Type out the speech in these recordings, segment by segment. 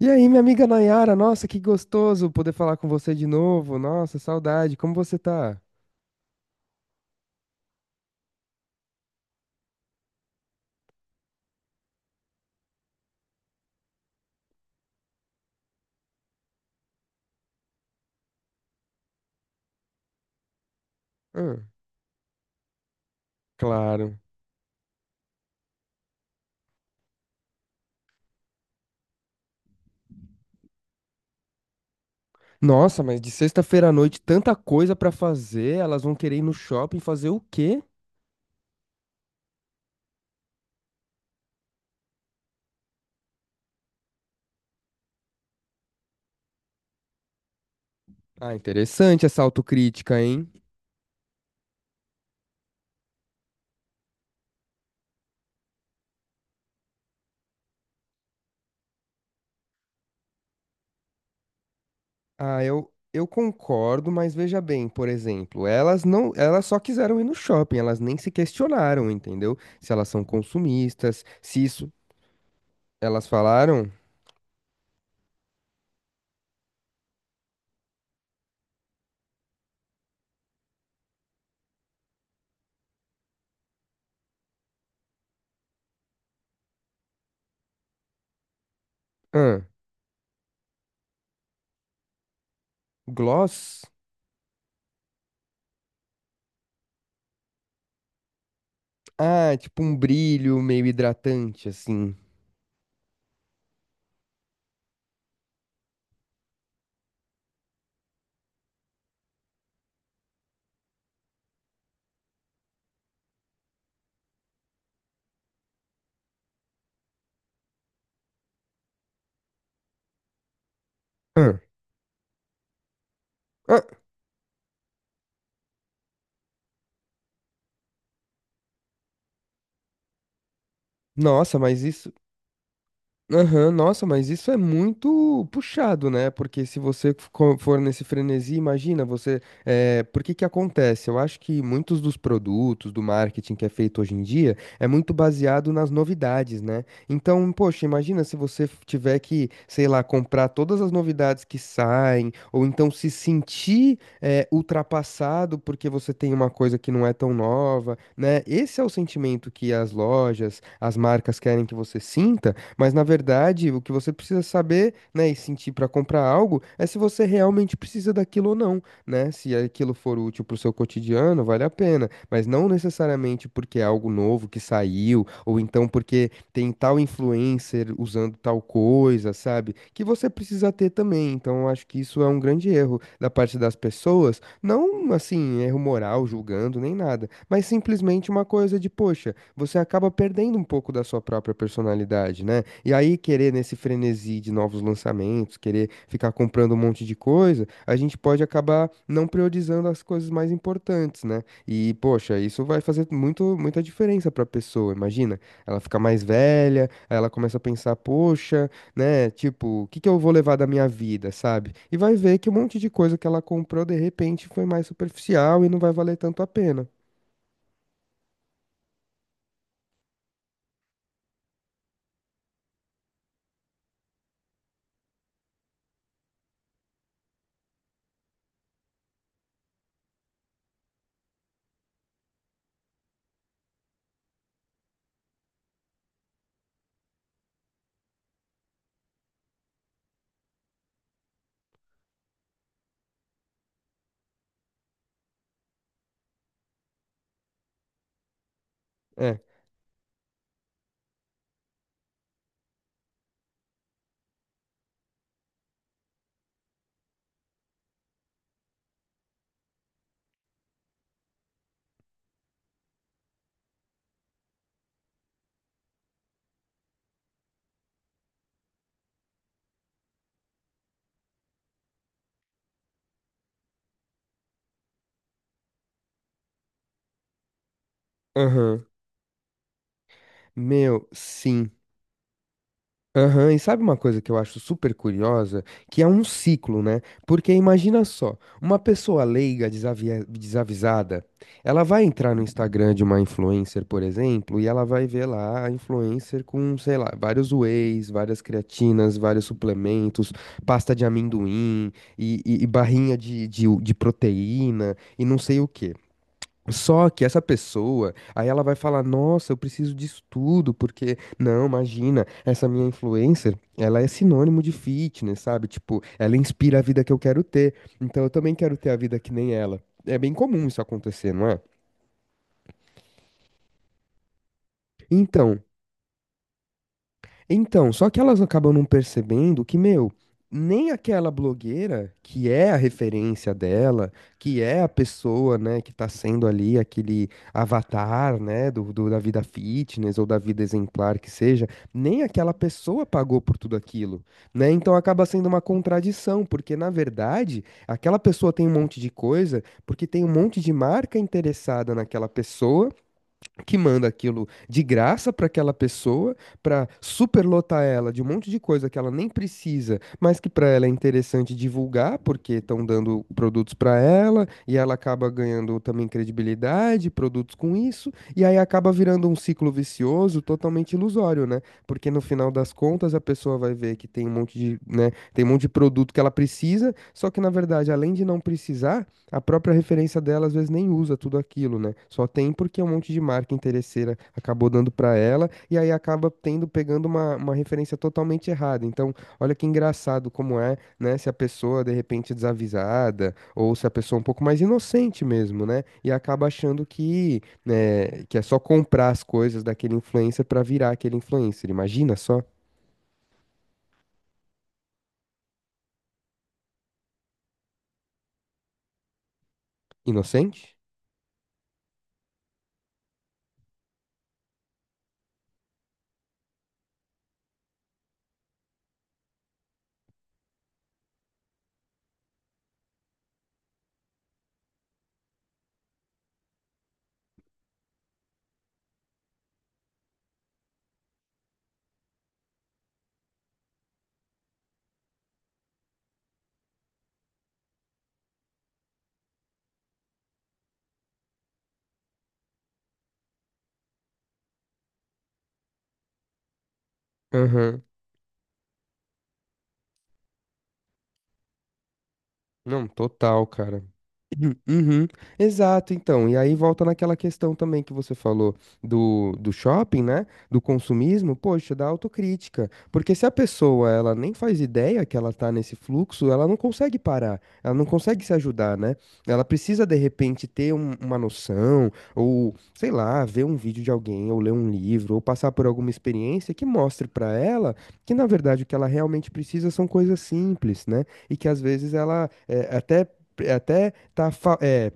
E aí, minha amiga Nayara, nossa, que gostoso poder falar com você de novo. Nossa, saudade. Como você tá? Ah, claro. Nossa, mas de sexta-feira à noite, tanta coisa pra fazer, elas vão querer ir no shopping fazer o quê? Ah, interessante essa autocrítica, hein? Ah, eu concordo, mas veja bem, por exemplo, elas não, elas só quiseram ir no shopping, elas nem se questionaram, entendeu? Se elas são consumistas, se isso, elas falaram, ah, gloss? Ah, tipo um brilho meio hidratante, assim. Ah, ah, nossa, mas isso. Aham, nossa, mas isso é muito puxado, né? Porque se você co- for nesse frenesi, imagina você. Por que que acontece? Eu acho que muitos dos produtos, do marketing que é feito hoje em dia, é muito baseado nas novidades, né? Então, poxa, imagina se você f- tiver que, sei lá, comprar todas as novidades que saem, ou então se sentir, ultrapassado porque você tem uma coisa que não é tão nova, né? Esse é o sentimento que as lojas, as marcas querem que você sinta. Mas na verdade, o que você precisa saber, né, e sentir para comprar algo é se você realmente precisa daquilo ou não, né? Se aquilo for útil para o seu cotidiano, vale a pena, mas não necessariamente porque é algo novo que saiu ou então porque tem tal influencer usando tal coisa, sabe? Que você precisa ter também. Então, eu acho que isso é um grande erro da parte das pessoas, não assim, erro moral, julgando nem nada, mas simplesmente uma coisa de, poxa, você acaba perdendo um pouco da sua própria personalidade, né? E aí, querer nesse frenesi de novos lançamentos, querer ficar comprando um monte de coisa, a gente pode acabar não priorizando as coisas mais importantes, né? E, poxa, isso vai fazer muito, muita diferença para a pessoa, imagina. Ela fica mais velha, aí ela começa a pensar, poxa, né? Tipo, o que que eu vou levar da minha vida, sabe? E vai ver que um monte de coisa que ela comprou, de repente, foi mais superficial e não vai valer tanto a pena. É. Aham. Meu, sim. Aham, e sabe uma coisa que eu acho super curiosa? Que é um ciclo, né? Porque imagina só, uma pessoa leiga, desavisada, ela vai entrar no Instagram de uma influencer, por exemplo, e ela vai ver lá a influencer com, sei lá, vários wheys, várias creatinas, vários suplementos, pasta de amendoim e barrinha de proteína e não sei o quê. Só que essa pessoa, aí ela vai falar: "Nossa, eu preciso disso tudo, porque, não, imagina, essa minha influencer, ela é sinônimo de fitness, sabe?" Tipo, ela inspira a vida que eu quero ter. Então eu também quero ter a vida que nem ela. É bem comum isso acontecer, não é? Então, Então, só que elas acabam não percebendo que, meu, nem aquela blogueira que é a referência dela, que é a pessoa, né, que tá sendo ali aquele avatar, né, da vida fitness ou da vida exemplar que seja, nem aquela pessoa pagou por tudo aquilo, né? Então acaba sendo uma contradição, porque na verdade, aquela pessoa tem um monte de coisa, porque tem um monte de marca interessada naquela pessoa que manda aquilo de graça para aquela pessoa, para superlotar ela de um monte de coisa que ela nem precisa, mas que para ela é interessante divulgar, porque estão dando produtos para ela, e ela acaba ganhando também credibilidade, produtos com isso, e aí acaba virando um ciclo vicioso totalmente ilusório, né? Porque no final das contas a pessoa vai ver que tem um monte de, né, tem um monte de produto que ela precisa, só que na verdade, além de não precisar, a própria referência dela às vezes nem usa tudo aquilo, né? Só tem porque um monte de marca interesseira acabou dando pra ela e aí acaba tendo pegando uma referência totalmente errada. Então, olha que engraçado como é, né? Se a pessoa de repente desavisada ou se a pessoa um pouco mais inocente mesmo, né? E acaba achando que, né, que é só comprar as coisas daquele influencer pra virar aquele influencer. Imagina só, inocente? Aham. Não, total, cara. Uhum, uhum. Exato, então. E aí volta naquela questão também que você falou do shopping, né? Do consumismo, poxa, da autocrítica. Porque se a pessoa, ela nem faz ideia que ela tá nesse fluxo, ela não consegue parar, ela não consegue se ajudar, né? Ela precisa, de repente, ter uma noção, ou, sei lá, ver um vídeo de alguém, ou ler um livro, ou passar por alguma experiência que mostre pra ela que, na verdade, o que ela realmente precisa são coisas simples, né? E que às vezes ela é, até é, até tá é,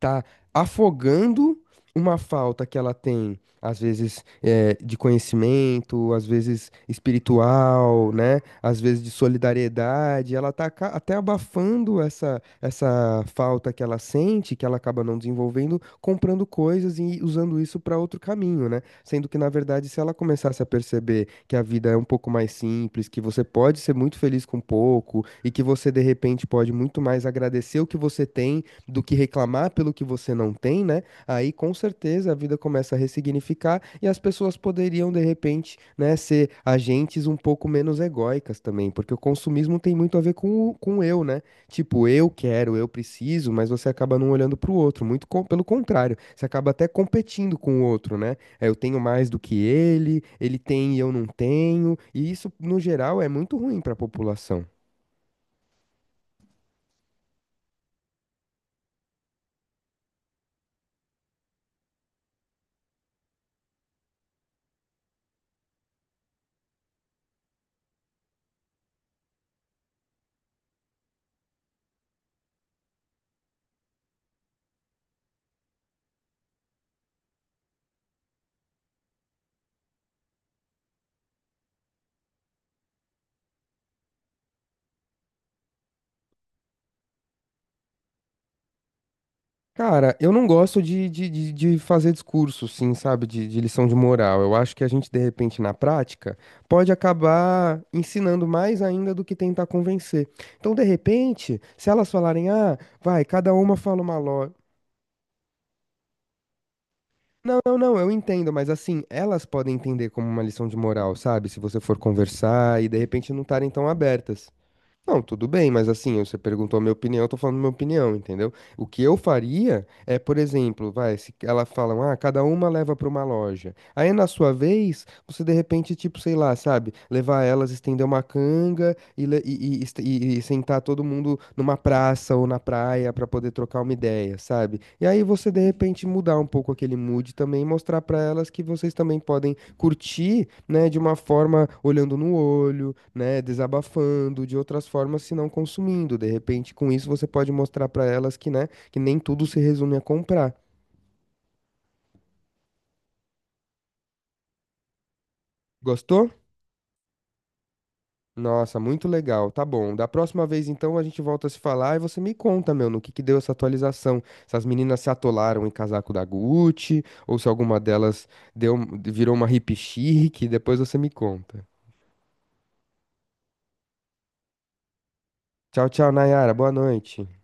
tá afogando uma falta que ela tem, às vezes de conhecimento, às vezes espiritual, né? Às vezes de solidariedade. Ela tá aca- até abafando essa, essa falta que ela sente, que ela acaba não desenvolvendo, comprando coisas e usando isso para outro caminho, né? Sendo que, na verdade, se ela começasse a perceber que a vida é um pouco mais simples, que você pode ser muito feliz com pouco e que você, de repente, pode muito mais agradecer o que você tem do que reclamar pelo que você não tem, né? Aí com certeza a vida começa a ressignificar e as pessoas poderiam, de repente, né, ser agentes um pouco menos egóicas também, porque o consumismo tem muito a ver com o eu, né? Tipo, eu quero, eu preciso, mas você acaba não olhando para o outro, muito co- pelo contrário, você acaba até competindo com o outro, né? É, eu tenho mais do que ele tem e eu não tenho, e isso, no geral, é muito ruim para a população. Cara, eu não gosto de fazer discurso, sim, sabe, de lição de moral. Eu acho que a gente, de repente, na prática, pode acabar ensinando mais ainda do que tentar convencer. Então, de repente, se elas falarem, ah, vai, cada uma fala uma lógica. Não, não, não, eu entendo, mas assim, elas podem entender como uma lição de moral, sabe? Se você for conversar e, de repente, não estarem tão abertas. Não, tudo bem, mas assim, você perguntou a minha opinião, eu tô falando minha opinião, entendeu? O que eu faria é, por exemplo, vai, se elas falam, ah, cada uma leva para uma loja. Aí na sua vez, você de repente, tipo, sei lá, sabe, levar elas, estender uma canga e sentar todo mundo numa praça ou na praia pra poder trocar uma ideia, sabe? E aí você de repente mudar um pouco aquele mood também, e mostrar pra elas que vocês também podem curtir, né, de uma forma olhando no olho, né, desabafando, de outras formas se não consumindo. De repente, com isso você pode mostrar pra elas que, né, que nem tudo se resume a comprar. Gostou? Nossa, muito legal. Tá bom. Da próxima vez, então, a gente volta a se falar e você me conta, meu, no que deu essa atualização. Se as meninas se atolaram em casaco da Gucci, ou se alguma delas deu, virou uma hippie chique. Depois você me conta. Tchau, tchau, Nayara. Boa noite.